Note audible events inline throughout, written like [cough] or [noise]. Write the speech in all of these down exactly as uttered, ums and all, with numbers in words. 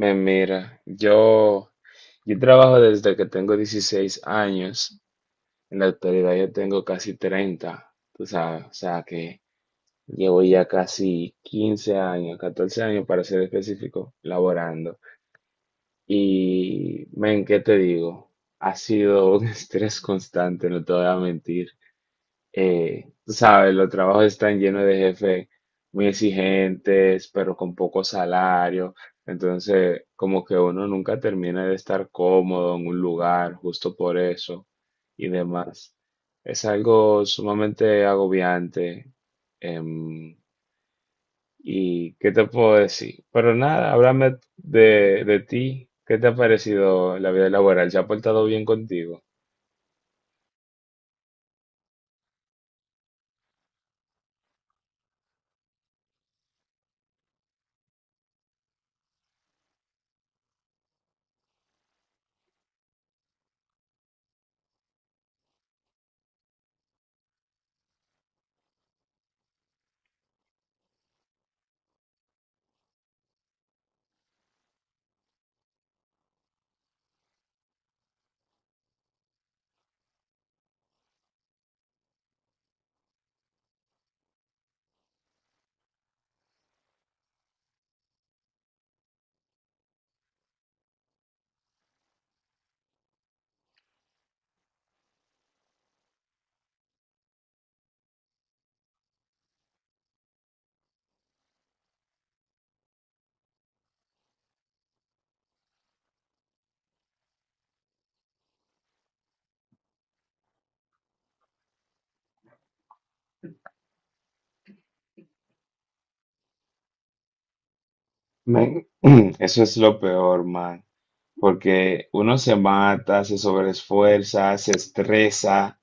Me mira, yo, yo trabajo desde que tengo dieciséis años. En la actualidad yo tengo casi treinta, tú sabes, o sea que llevo ya casi quince años, catorce años para ser específico, laborando. Y, men, ¿qué te digo? Ha sido un [laughs] estrés constante, no te voy a mentir, eh, tú sabes, los trabajos están llenos de jefes muy exigentes, pero con poco salario. Entonces, como que uno nunca termina de estar cómodo en un lugar justo por eso y demás. Es algo sumamente agobiante. em, ¿Y qué te puedo decir? Pero nada, háblame de, de ti. ¿Qué te ha parecido la vida laboral? ¿Se ha portado bien contigo? Me- [clears throat] Eso es lo peor, man. Porque uno se mata, se sobreesfuerza, se estresa,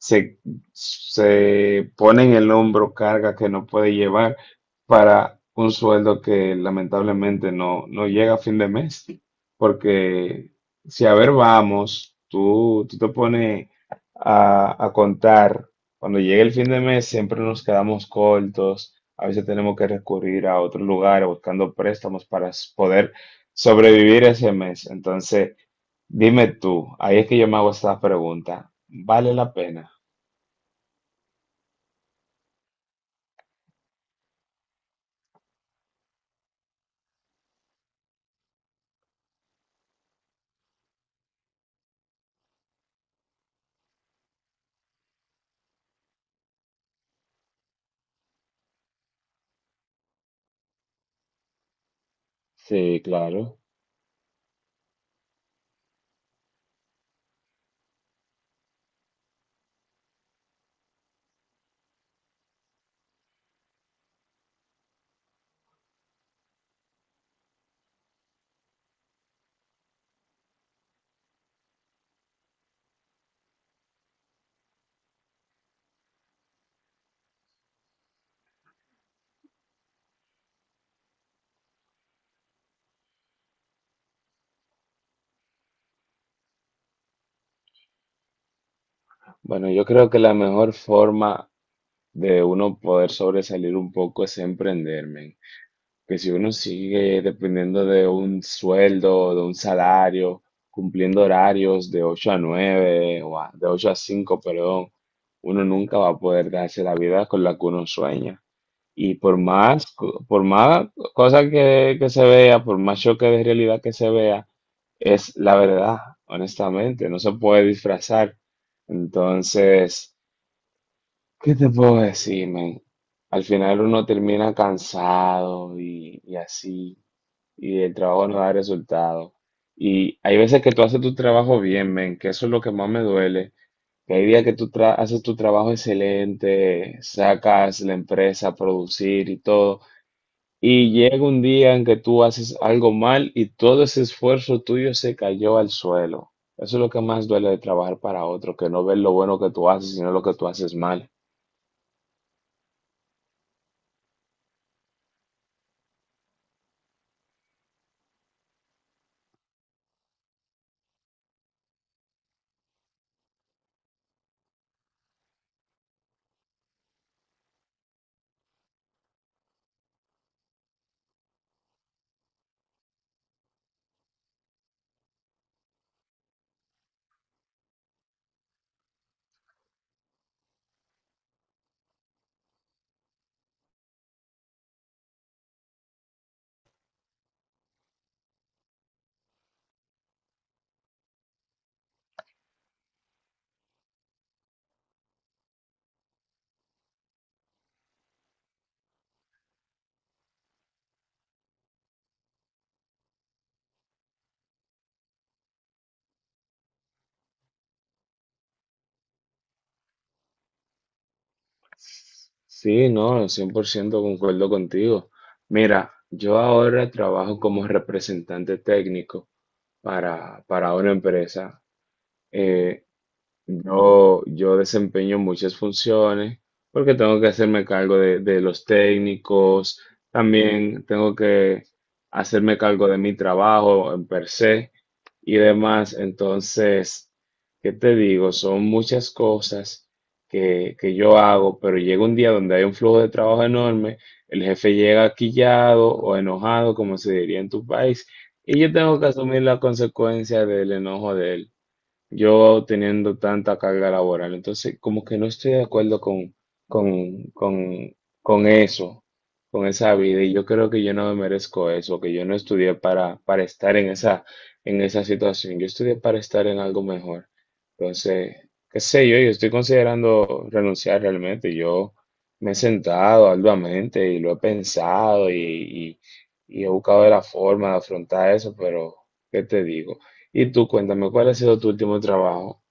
se, se pone en el hombro carga que no puede llevar para un sueldo que lamentablemente no, no llega a fin de mes. Porque si a ver vamos, tú, tú te pones a, a contar, cuando llega el fin de mes siempre nos quedamos cortos, a veces tenemos que recurrir a otros lugares buscando préstamos para s- poder sobrevivir ese mes. Entonces, dime tú, ahí es que yo me hago esta pregunta, ¿vale la pena? Sí, claro. Bueno, yo creo que la mejor forma de uno poder sobresalir un poco es emprender, men. Que si uno sigue dependiendo de un sueldo, de un salario, cumpliendo horarios de ocho a nueve o a- de ocho a cinco, perdón, uno nunca va a poder darse la vida con la que uno sueña. Y por más, co- por más cosa que, que se vea, por más choque de realidad que se vea, es la verdad, honestamente, no se puede disfrazar. Entonces, ¿qué te puedo decir, men? Al final uno termina cansado y, y así, y el trabajo no da resultado. Y hay veces que tú haces tu trabajo bien, men, que eso es lo que más me duele. Que hay días que tú tra- haces tu trabajo excelente, sacas la empresa a producir y todo. Y llega un día en que tú haces algo mal y todo ese esfuerzo tuyo se cayó al suelo. Eso es lo que más duele de trabajar para otro, que no ver lo bueno que tú haces, sino lo que tú haces mal. Sí, no, cien por ciento concuerdo contigo. Mira, yo ahora trabajo como representante técnico para, para una empresa. Eh, Yo, yo desempeño muchas funciones porque tengo que hacerme cargo de, de los técnicos, también tengo que hacerme cargo de mi trabajo en per se y demás. Entonces, ¿qué te digo? Son muchas cosas que, que yo hago, pero llega un día donde hay un flujo de trabajo enorme, el jefe llega quillado o enojado, como se diría en tu país, y yo tengo que asumir la consecuencia del enojo yo teniendo tanta carga laboral. Entonces, como que no estoy de acuerdo con, con, con, con eso, con esa vida. Y yo creo que yo no me merezco eso, que yo no estudié para, para estar en esa, en esa situación. Yo estudié para estar en algo mejor. Entonces, qué sé yo, yo estoy considerando renunciar realmente. Yo me he sentado arduamente y lo he pensado y, y y he buscado la forma de afrontar eso, pero ¿qué te digo? Y tú cuéntame, ¿cuál ha sido tu último trabajo?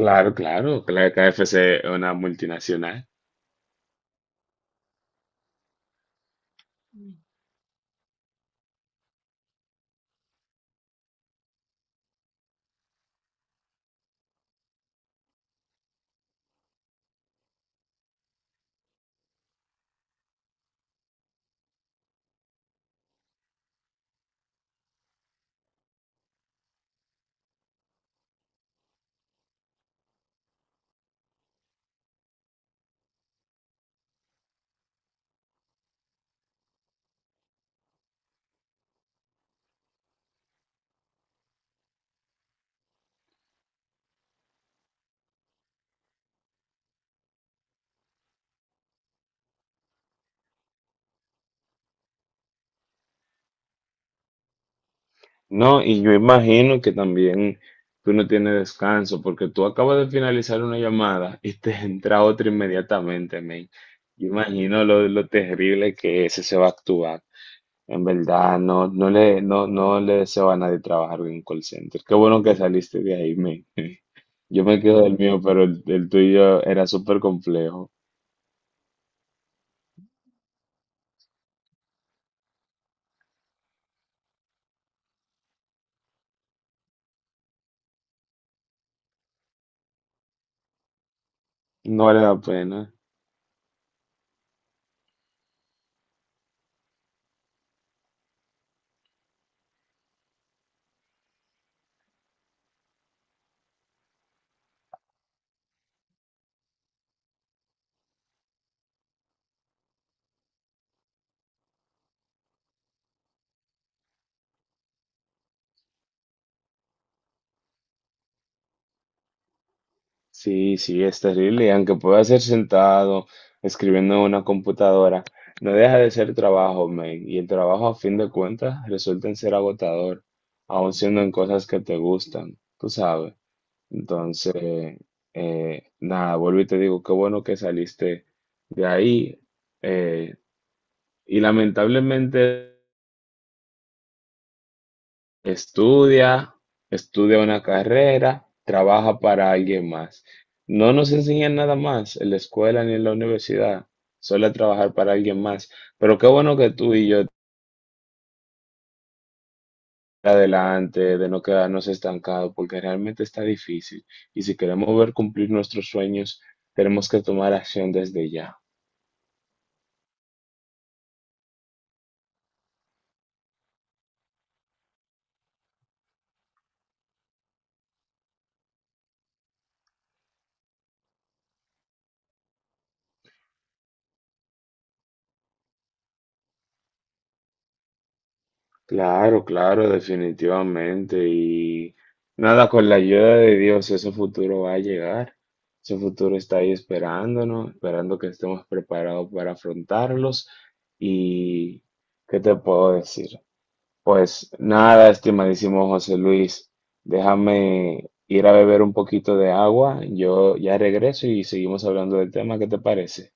Claro, claro, que la K F C es una multinacional. No, y yo imagino que también tú no tienes descanso porque tú acabas de finalizar una llamada y te [laughs] entra otra inmediatamente, men. Yo imagino lo, lo terrible que ese se va a actuar. En verdad, no, no le, no, no le deseo a nadie trabajar en un call center. Qué bueno que saliste de ahí, men. [laughs] Yo me quedo del mío, pero el, el tuyo era súper complejo. No vale la pena. Sí, sí, es terrible, y aunque pueda ser sentado escribiendo en una computadora, no deja de ser trabajo, man, y el trabajo a fin de cuentas resulta en ser agotador, aun siendo en cosas que te gustan, tú sabes. Entonces, eh, nada, vuelvo y te digo, qué bueno que saliste de ahí, eh, y lamentablemente, estudia, estudia una carrera, trabaja para alguien más. No nos enseñan nada más en la escuela ni en la universidad, solo a trabajar para alguien más. Pero qué bueno que tú y yo adelante, de no quedarnos estancados, porque realmente está difícil. Y si queremos ver cumplir nuestros sueños, tenemos que tomar acción desde ya. Claro, claro, definitivamente. Y nada, con la ayuda de Dios, ese futuro va a llegar. Ese futuro está ahí esperándonos, esperando que estemos preparados para afrontarlos. Y, ¿qué te puedo decir? Pues nada, estimadísimo José Luis, déjame ir a beber un poquito de agua. Yo ya regreso y seguimos hablando del tema. ¿Qué te parece?